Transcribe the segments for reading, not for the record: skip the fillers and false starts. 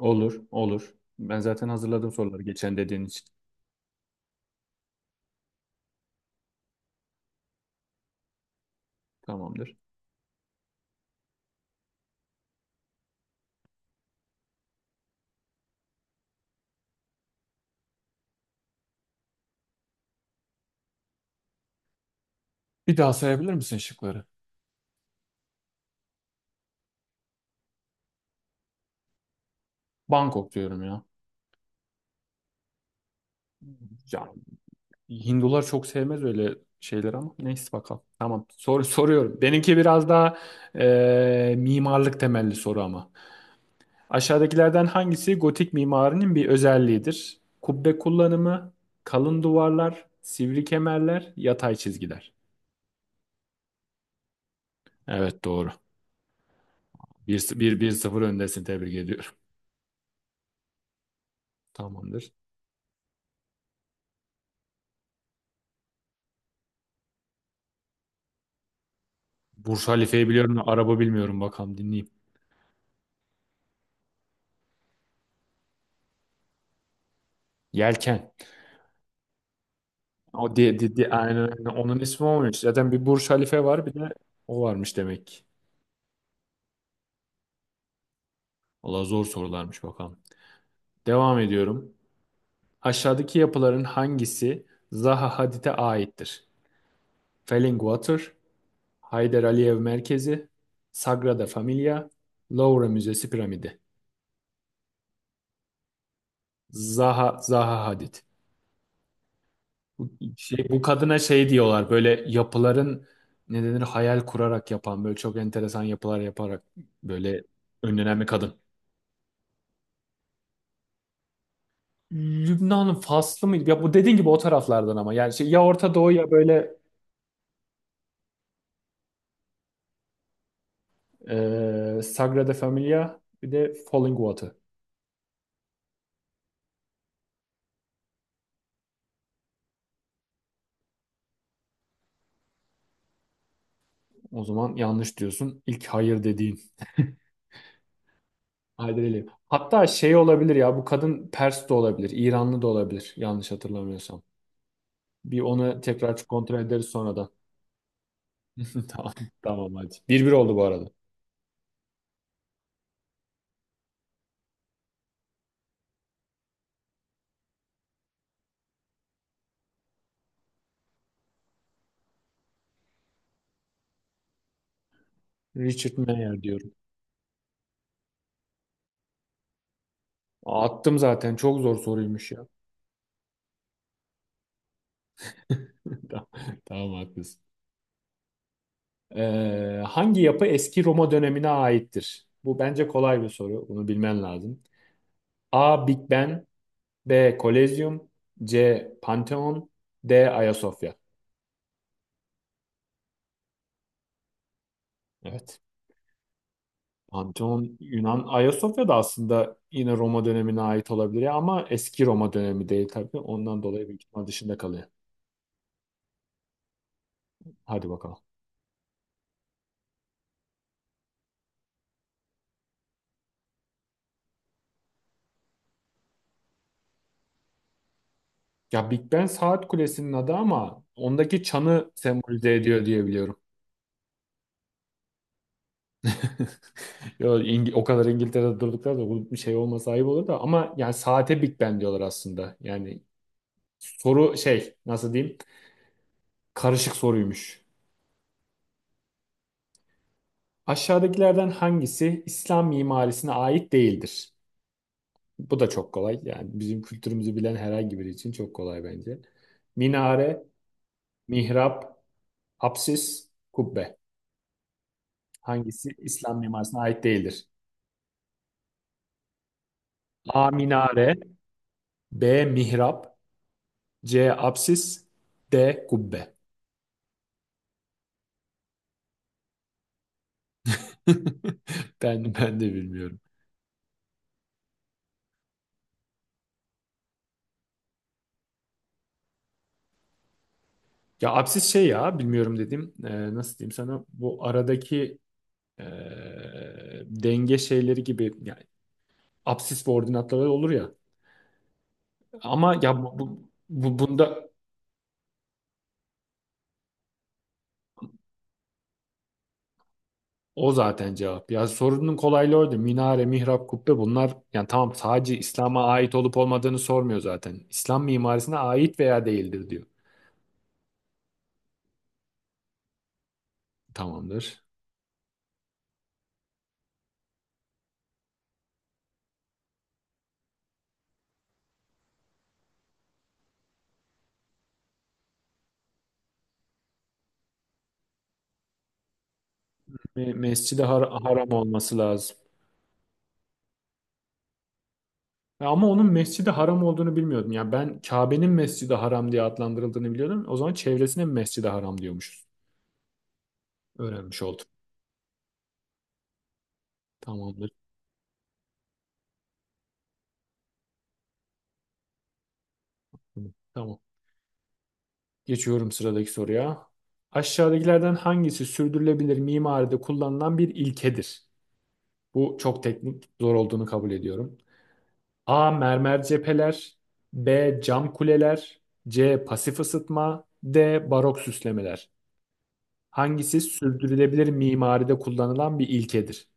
Olur, olur. Ben zaten hazırladım soruları geçen dediğin için. Tamamdır. Bir daha sayabilir misin şıkları? Bangkok diyorum ya. Ya, Hindular çok sevmez öyle şeyler ama neyse bakalım. Tamam sor, soruyorum. Benimki biraz daha mimarlık temelli soru ama. Aşağıdakilerden hangisi gotik mimarinin bir özelliğidir? Kubbe kullanımı, kalın duvarlar, sivri kemerler, yatay çizgiler. Evet, doğru. Bir, 1-0 öndesin, tebrik ediyorum. Tamamdır. Bursa Halife'yi biliyorum da araba bilmiyorum, bakalım dinleyeyim. Yelken. O aynen öyle. Onun ismi olmuş. Zaten bir Bursa Halife var, bir de o varmış demek ki. Valla zor sorularmış bakalım. Devam ediyorum. Aşağıdaki yapıların hangisi Zaha Hadid'e aittir? Fallingwater, Haydar Aliyev Merkezi, Sagrada Familia, Louvre Müzesi Piramidi. Zaha Hadid. Bu, bu kadına şey diyorlar, böyle yapıların ne denir, hayal kurarak yapan, böyle çok enteresan yapılar yaparak böyle önlenen bir kadın. Lübnan'ın Faslı mıydı? Ya, bu dediğin gibi o taraflardan ama yani şey, ya Orta Doğu ya böyle. Sagrada Familia bir de Falling Water. O zaman yanlış diyorsun. İlk hayır dediğin. Haydi edelim. Hatta şey olabilir ya, bu kadın Pers de olabilir, İranlı da olabilir yanlış hatırlamıyorsam. Bir onu tekrar kontrol ederiz sonra da. Tamam, tamam, hadi. Bir bir oldu bu arada. Richard Mayer diyorum. Attım zaten. Çok zor soruymuş ya. Tamam, tamam, haklısın. Hangi yapı eski Roma dönemine aittir? Bu bence kolay bir soru. Bunu bilmen lazım. A. Big Ben. B. Kolezyum. C. Pantheon. D. Ayasofya. Evet. Pantheon Yunan. Ayasofya da aslında yine Roma dönemine ait olabilir ya ama eski Roma dönemi değil tabii. Ondan dolayı büyük ihtimal dışında kalıyor. Hadi bakalım. Ya, Big Ben saat kulesinin adı ama ondaki çanı sembolize ediyor diye biliyorum. Yo, o kadar İngiltere'de durduklar da bu bir şey olmasa ayıp olur da, ama yani saate Big Ben diyorlar aslında. Yani soru şey, nasıl diyeyim, karışık soruymuş. Aşağıdakilerden hangisi İslam mimarisine ait değildir? Bu da çok kolay. Yani bizim kültürümüzü bilen herhangi biri için çok kolay bence. Minare, mihrap, apsis, kubbe. Hangisi İslam mimarisine ait değildir? A minare, B mihrap, C apsis, D kubbe. Ben de bilmiyorum. Ya apsis şey, ya bilmiyorum dedim. Nasıl diyeyim sana? Bu aradaki e, denge şeyleri gibi yani, apsis ve ordinatları olur ya. Ama ya bunda o zaten cevap. Ya, sorunun kolaylığı orada. Minare, mihrap, kubbe, bunlar yani tamam, sadece İslam'a ait olup olmadığını sormuyor zaten. İslam mimarisine ait veya değildir diyor. Tamamdır. Mescid-i Haram olması lazım. Ya, ama onun Mescid-i Haram olduğunu bilmiyordum. Yani ben Kabe'nin Mescid-i Haram diye adlandırıldığını biliyordum. O zaman çevresine mi Mescid-i Haram diyormuşuz. Öğrenmiş oldum. Tamamdır. Tamam. Geçiyorum sıradaki soruya. Aşağıdakilerden hangisi sürdürülebilir mimaride kullanılan bir ilkedir? Bu çok teknik, zor olduğunu kabul ediyorum. A. Mermer cepheler. B. Cam kuleler. C. Pasif ısıtma. D. Barok süslemeler. Hangisi sürdürülebilir mimaride kullanılan bir ilkedir?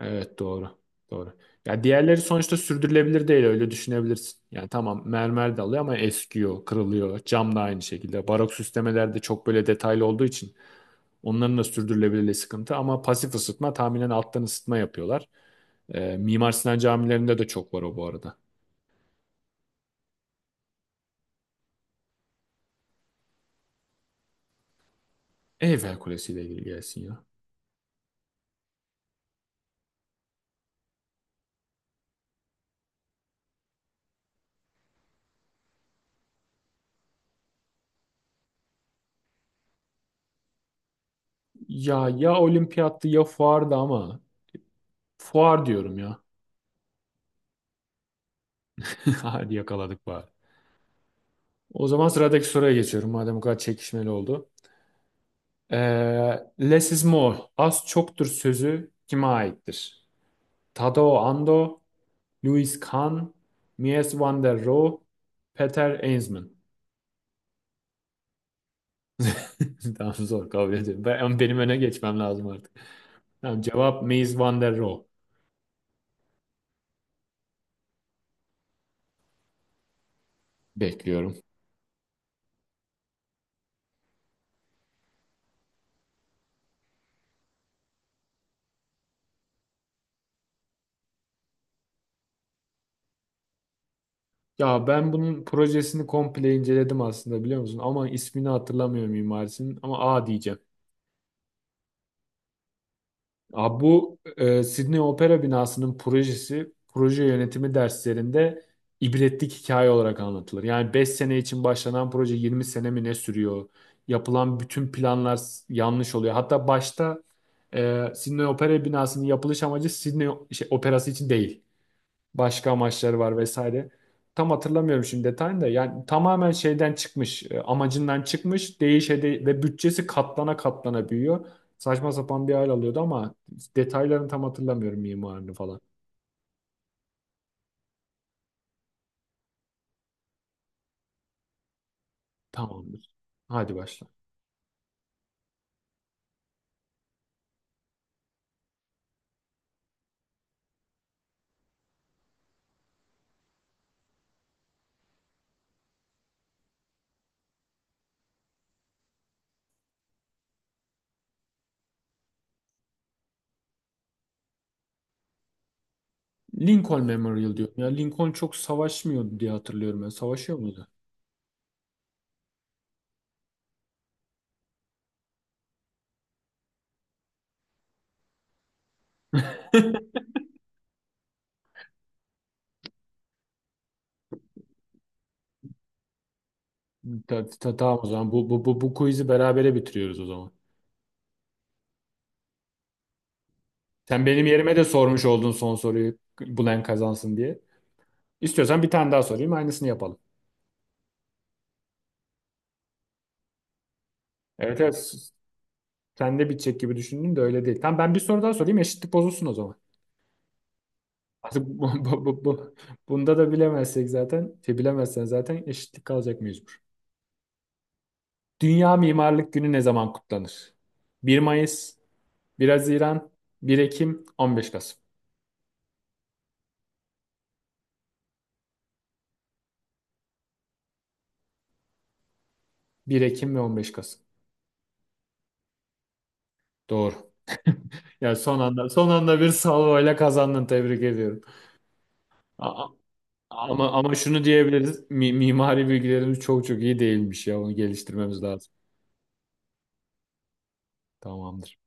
Evet, doğru. Doğru. Ya, diğerleri sonuçta sürdürülebilir değil, öyle düşünebilirsin. Yani tamam, mermer de alıyor ama eskiyor, kırılıyor. Cam da aynı şekilde. Barok süslemeler çok böyle detaylı olduğu için onların da sürdürülebilirliği sıkıntı, ama pasif ısıtma tahminen alttan ısıtma yapıyorlar. Mimar Sinan camilerinde de çok var o bu arada. Eyfel Kulesi ile ilgili gelsin ya. Ya, ya olimpiyattı ya fuardı ama fuar diyorum ya. Hadi yakaladık bari. O zaman sıradaki soruya geçiyorum. Madem bu kadar çekişmeli oldu. Ee, Less is more. Az çoktur sözü kime aittir? Tadao Ando, Louis Kahn, Mies van der Rohe, Peter Eensman. Tamam, zor kabul ediyorum. Benim öne geçmem lazım artık. Tamam, cevap Mies van der Rohe. Bekliyorum. Ya ben bunun projesini komple inceledim aslında, biliyor musun? Ama ismini hatırlamıyorum mimarisinin. Ama A diyeceğim. Abi bu Sydney Opera binasının projesi proje yönetimi derslerinde ibretlik hikaye olarak anlatılır. Yani 5 sene için başlanan proje 20 sene mi ne sürüyor? Yapılan bütün planlar yanlış oluyor. Hatta başta Sydney Opera binasının yapılış amacı Sydney operası için değil, başka amaçları var vesaire. Tam hatırlamıyorum şimdi detayını da. Yani tamamen şeyden çıkmış, amacından çıkmış, ve bütçesi katlana katlana büyüyor. Saçma sapan bir hal alıyordu ama detaylarını tam hatırlamıyorum, mimarını falan. Tamamdır. Hadi başla. Lincoln Memorial diyorum. Ya, Lincoln çok savaşmıyordu diye hatırlıyorum ben. Savaşıyor muydu? Tamam, o zaman bu quiz'i berabere bitiriyoruz o zaman. Sen benim yerime de sormuş oldun son soruyu. Bulan kazansın diye. İstiyorsan bir tane daha sorayım, aynısını yapalım. Evet, evet. Sen de bitecek gibi düşündün de öyle değil. Tamam, ben bir soru daha sorayım. Eşitlik bozulsun o zaman. Artık bunda da bilemezsek zaten, şey, bilemezsen zaten eşitlik kalacak mecbur. Dünya Mimarlık Günü ne zaman kutlanır? 1 Mayıs, 1 Haziran, 1 Ekim, 15 Kasım. 1 Ekim ve 15 Kasım. Doğru. Ya, son anda son anda bir salvoyla kazandın. Tebrik ediyorum. A- a- ama şunu diyebiliriz. Mimari bilgilerimiz çok çok iyi değilmiş ya. Onu geliştirmemiz lazım. Tamamdır.